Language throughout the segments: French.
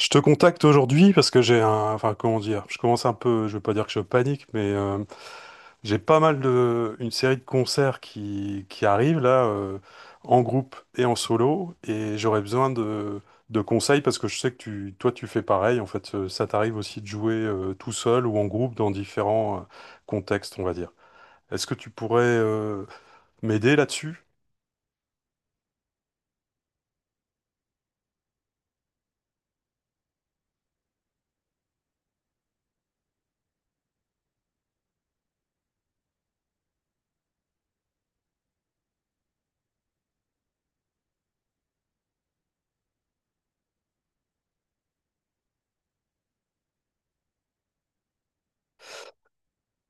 Je te contacte aujourd'hui parce que j'ai un, enfin comment dire, je commence un peu, je veux pas dire que je panique, mais j'ai pas mal de, une série de concerts qui arrivent là, en groupe et en solo, et j'aurais besoin de conseils parce que je sais que toi tu fais pareil, en fait, ça t'arrive aussi de jouer tout seul ou en groupe dans différents contextes, on va dire. Est-ce que tu pourrais m'aider là-dessus?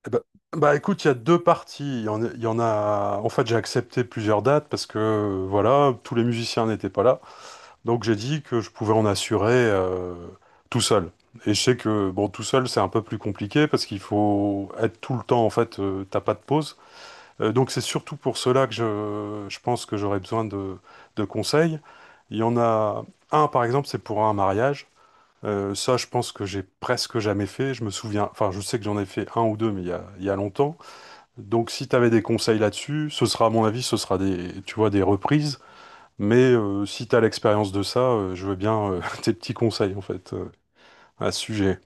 Eh ben- Bah écoute, il y a deux parties. Il y en, a, il y en a- En fait, j'ai accepté plusieurs dates parce que voilà, tous les musiciens n'étaient pas là. Donc j'ai dit que je pouvais en assurer tout seul. Et je sais que bon, tout seul, c'est un peu plus compliqué parce qu'il faut être tout le temps. En fait, t'as pas de pause. Donc c'est surtout pour cela que je pense que j'aurais besoin de conseils. Il y en a un, par exemple, c'est pour un mariage. Ça, je pense que j'ai presque jamais fait. Je me souviens. Enfin, je sais que j'en ai fait un ou deux, mais il y a longtemps. Donc si tu avais des conseils là-dessus, ce sera à mon avis, ce sera des, tu vois, des reprises. Mais si tu as l'expérience de ça, je veux bien tes petits conseils en fait à ce sujet.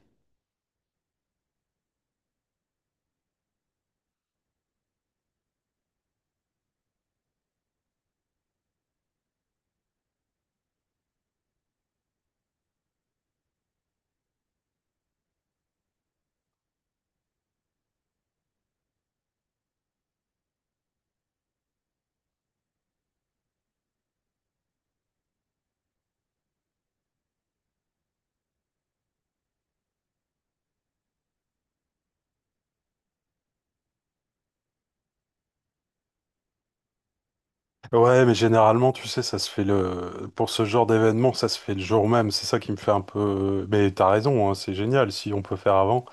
Ouais, mais généralement, tu sais, ça se fait le pour ce genre d'événement, ça se fait le jour même. C'est ça qui me fait un peu. Mais t'as raison, hein, c'est génial si on peut faire avant.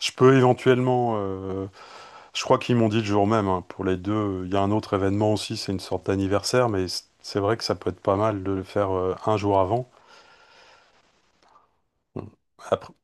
Je peux éventuellement. Je crois qu'ils m'ont dit le jour même hein, pour les deux. Il y a un autre événement aussi, c'est une sorte d'anniversaire, mais c'est vrai que ça peut être pas mal de le faire un jour avant. Après,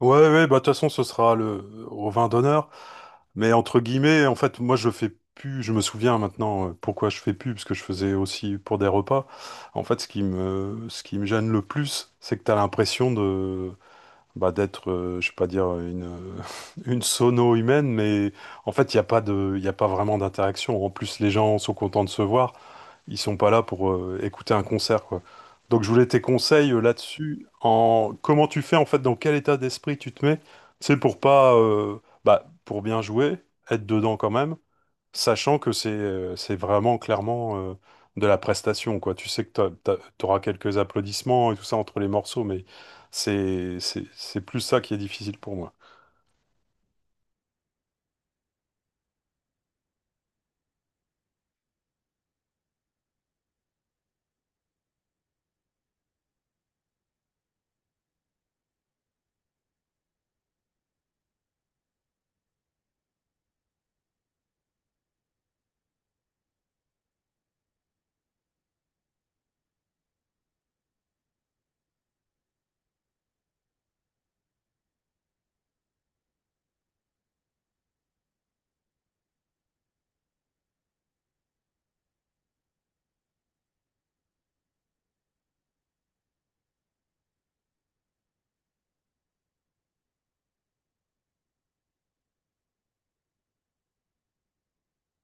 ouais, ouais, bah, de toute façon, ce sera le, au vin d'honneur. Mais entre guillemets, en fait, moi, je fais plus, je me souviens maintenant pourquoi je fais plus, parce que je faisais aussi pour des repas. En fait, ce qui me gêne le plus, c'est que t'as l'impression de, bah, d'être, je sais pas dire une, une sono humaine, mais en fait, il n'y a pas de, il y a pas vraiment d'interaction. En plus, les gens sont contents de se voir. Ils sont pas là pour écouter un concert, quoi. Donc je voulais tes conseils là-dessus, en comment tu fais en fait, dans quel état d'esprit tu te mets, c'est pour pas, bah, pour bien jouer, être dedans quand même, sachant que c'est vraiment clairement de la prestation, quoi. Tu sais que tu auras quelques applaudissements et tout ça entre les morceaux, mais c'est plus ça qui est difficile pour moi.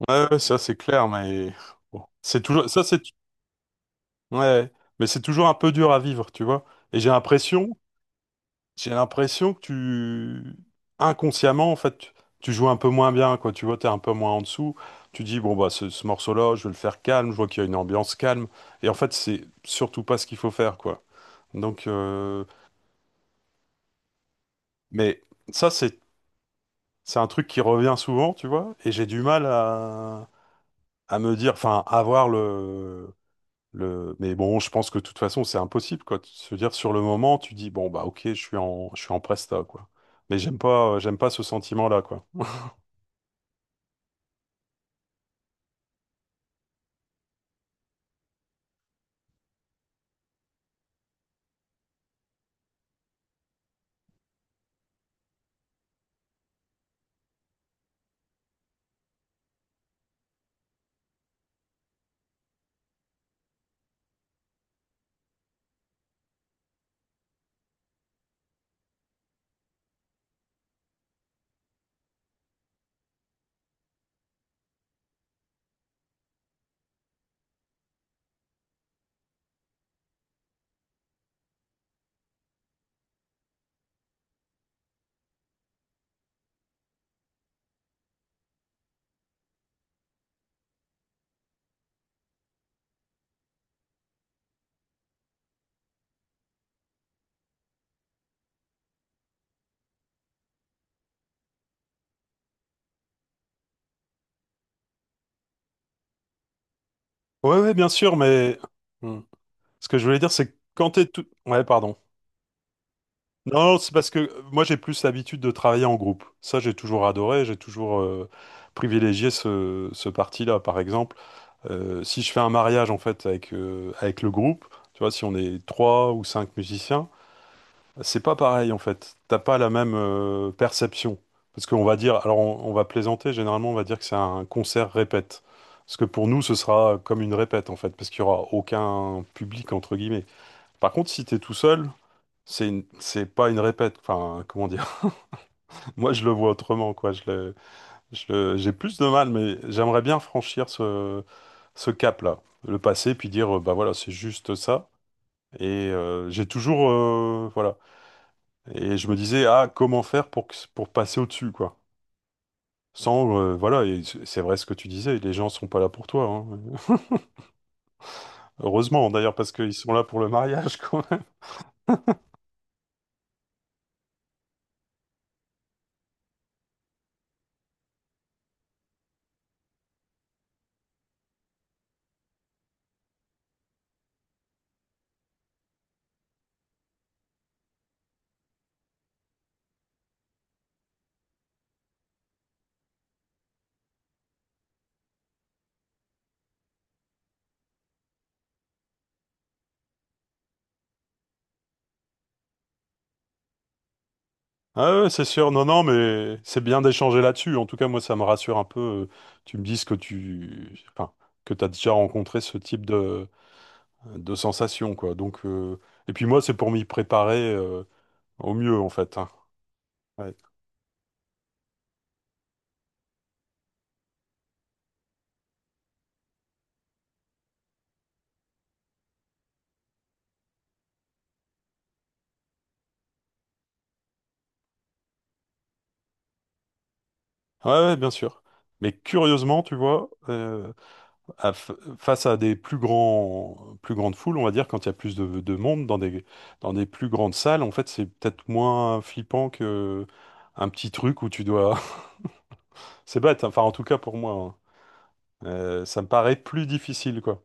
Ouais, ouais, ça c'est clair, mais bon. C'est toujours ça c'est Ouais, mais c'est toujours un peu dur à vivre, tu vois. Et j'ai l'impression J'ai l'impression que inconsciemment, en fait, tu joues un peu moins bien, quoi. Tu vois, t'es un peu moins en dessous. Tu dis, bon, bah, ce morceau-là, je vais le faire calme. Je vois qu'il y a une ambiance calme. Et en fait, c'est surtout pas ce qu'il faut faire, quoi. Donc, mais ça, c'est un truc qui revient souvent, tu vois. Et j'ai du mal à me dire, enfin, à voir le, mais bon, je pense que de toute façon, c'est impossible, quoi. Se dire, sur le moment, tu dis, bon, bah, ok, je suis je suis en presta, quoi. Mais j'aime pas ce sentiment-là, quoi. Ouais, ouais, bien sûr, mais hmm. Ce que je voulais dire, c'est que quand t'es tout... Ouais, pardon. Non, c'est parce que moi, j'ai plus l'habitude de travailler en groupe. Ça, j'ai toujours adoré, j'ai toujours privilégié ce parti-là. Par exemple, si je fais un mariage, en fait, avec, avec le groupe, tu vois, si on est trois ou cinq musiciens, c'est pas pareil en fait. T'as pas la même perception. Parce qu'on va dire, alors on va plaisanter, généralement on va dire que c'est un concert répète. Parce que pour nous, ce sera comme une répète en fait, parce qu'il y aura aucun public entre guillemets. Par contre, si t'es tout seul, c'est pas une répète. Enfin, comment dire? Moi, je le vois autrement quoi. J'ai plus de mal, mais j'aimerais bien franchir ce cap-là, le passer, puis dire, bah voilà, c'est juste ça. Et voilà. Et je me disais, ah, comment faire pour, pour passer au-dessus, quoi. Sans, voilà, et c'est vrai ce que tu disais, les gens sont pas là pour toi, hein. Heureusement, d'ailleurs, parce qu'ils sont là pour le mariage, quand même. Ah ouais, c'est sûr, non, non, mais c'est bien d'échanger là-dessus. En tout cas, moi, ça me rassure un peu. Tu me dises que enfin, que t'as déjà rencontré ce type de sensation, quoi. Donc, et puis moi, c'est pour m'y préparer, au mieux, en fait, hein. Ouais. Ouais, ouais, bien sûr. Mais curieusement, tu vois, à face à des plus grands, plus grandes foules, on va dire, quand il y a plus de monde dans dans des plus grandes salles, en fait, c'est peut-être moins flippant que un petit truc où tu dois. C'est bête, hein, enfin, en tout cas pour moi, hein. Ça me paraît plus difficile, quoi.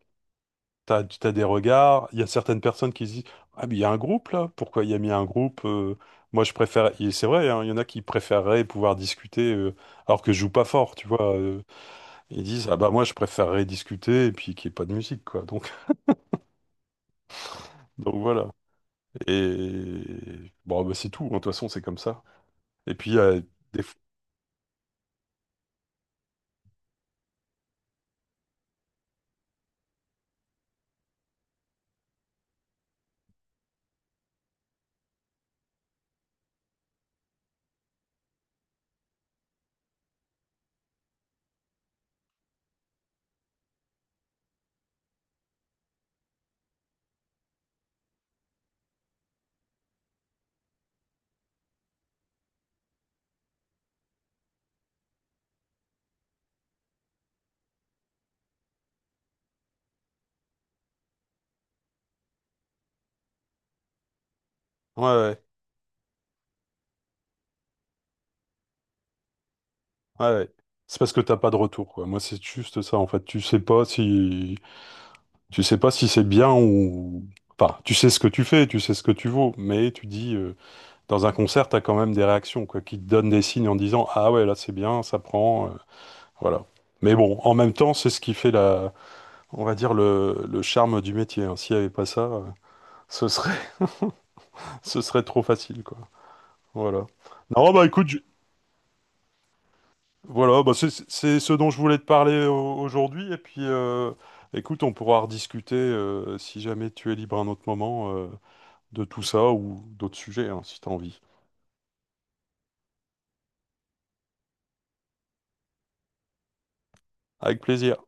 T'as des regards, il y a certaines personnes qui se disent, ah, mais il y a un groupe là, pourquoi il y a mis un groupe moi je préfère, et c'est vrai, hein, il y en a qui préféreraient pouvoir discuter alors que je joue pas fort, tu vois. Ils disent, ah bah moi je préférerais discuter et puis qu'il n'y ait pas de musique, quoi. Donc, donc voilà. Et bon, bah, c'est tout, hein, de toute façon c'est comme ça. Et puis, des... fois- ouais, ouais, ouais, ouais. C'est parce que t'as pas de retour, quoi. Moi c'est juste ça, en fait. Tu sais pas si. Tu sais pas si c'est bien ou... Enfin, tu sais ce que tu fais, tu sais ce que tu vaux, mais tu dis, dans un concert, t'as quand même des réactions, quoi, qui te donnent des signes en disant, ah ouais, là c'est bien, ça prend, voilà. Mais bon, en même temps, c'est ce qui fait la, on va dire, le charme du métier, hein. S'il n'y avait pas ça, ce serait, ce serait trop facile, quoi. Voilà. Non, bah écoute, voilà, bah, c'est ce dont je voulais te parler aujourd'hui, et puis, écoute, on pourra rediscuter, si jamais tu es libre à un autre moment. De tout ça ou d'autres sujets, hein, si tu as envie. Avec plaisir.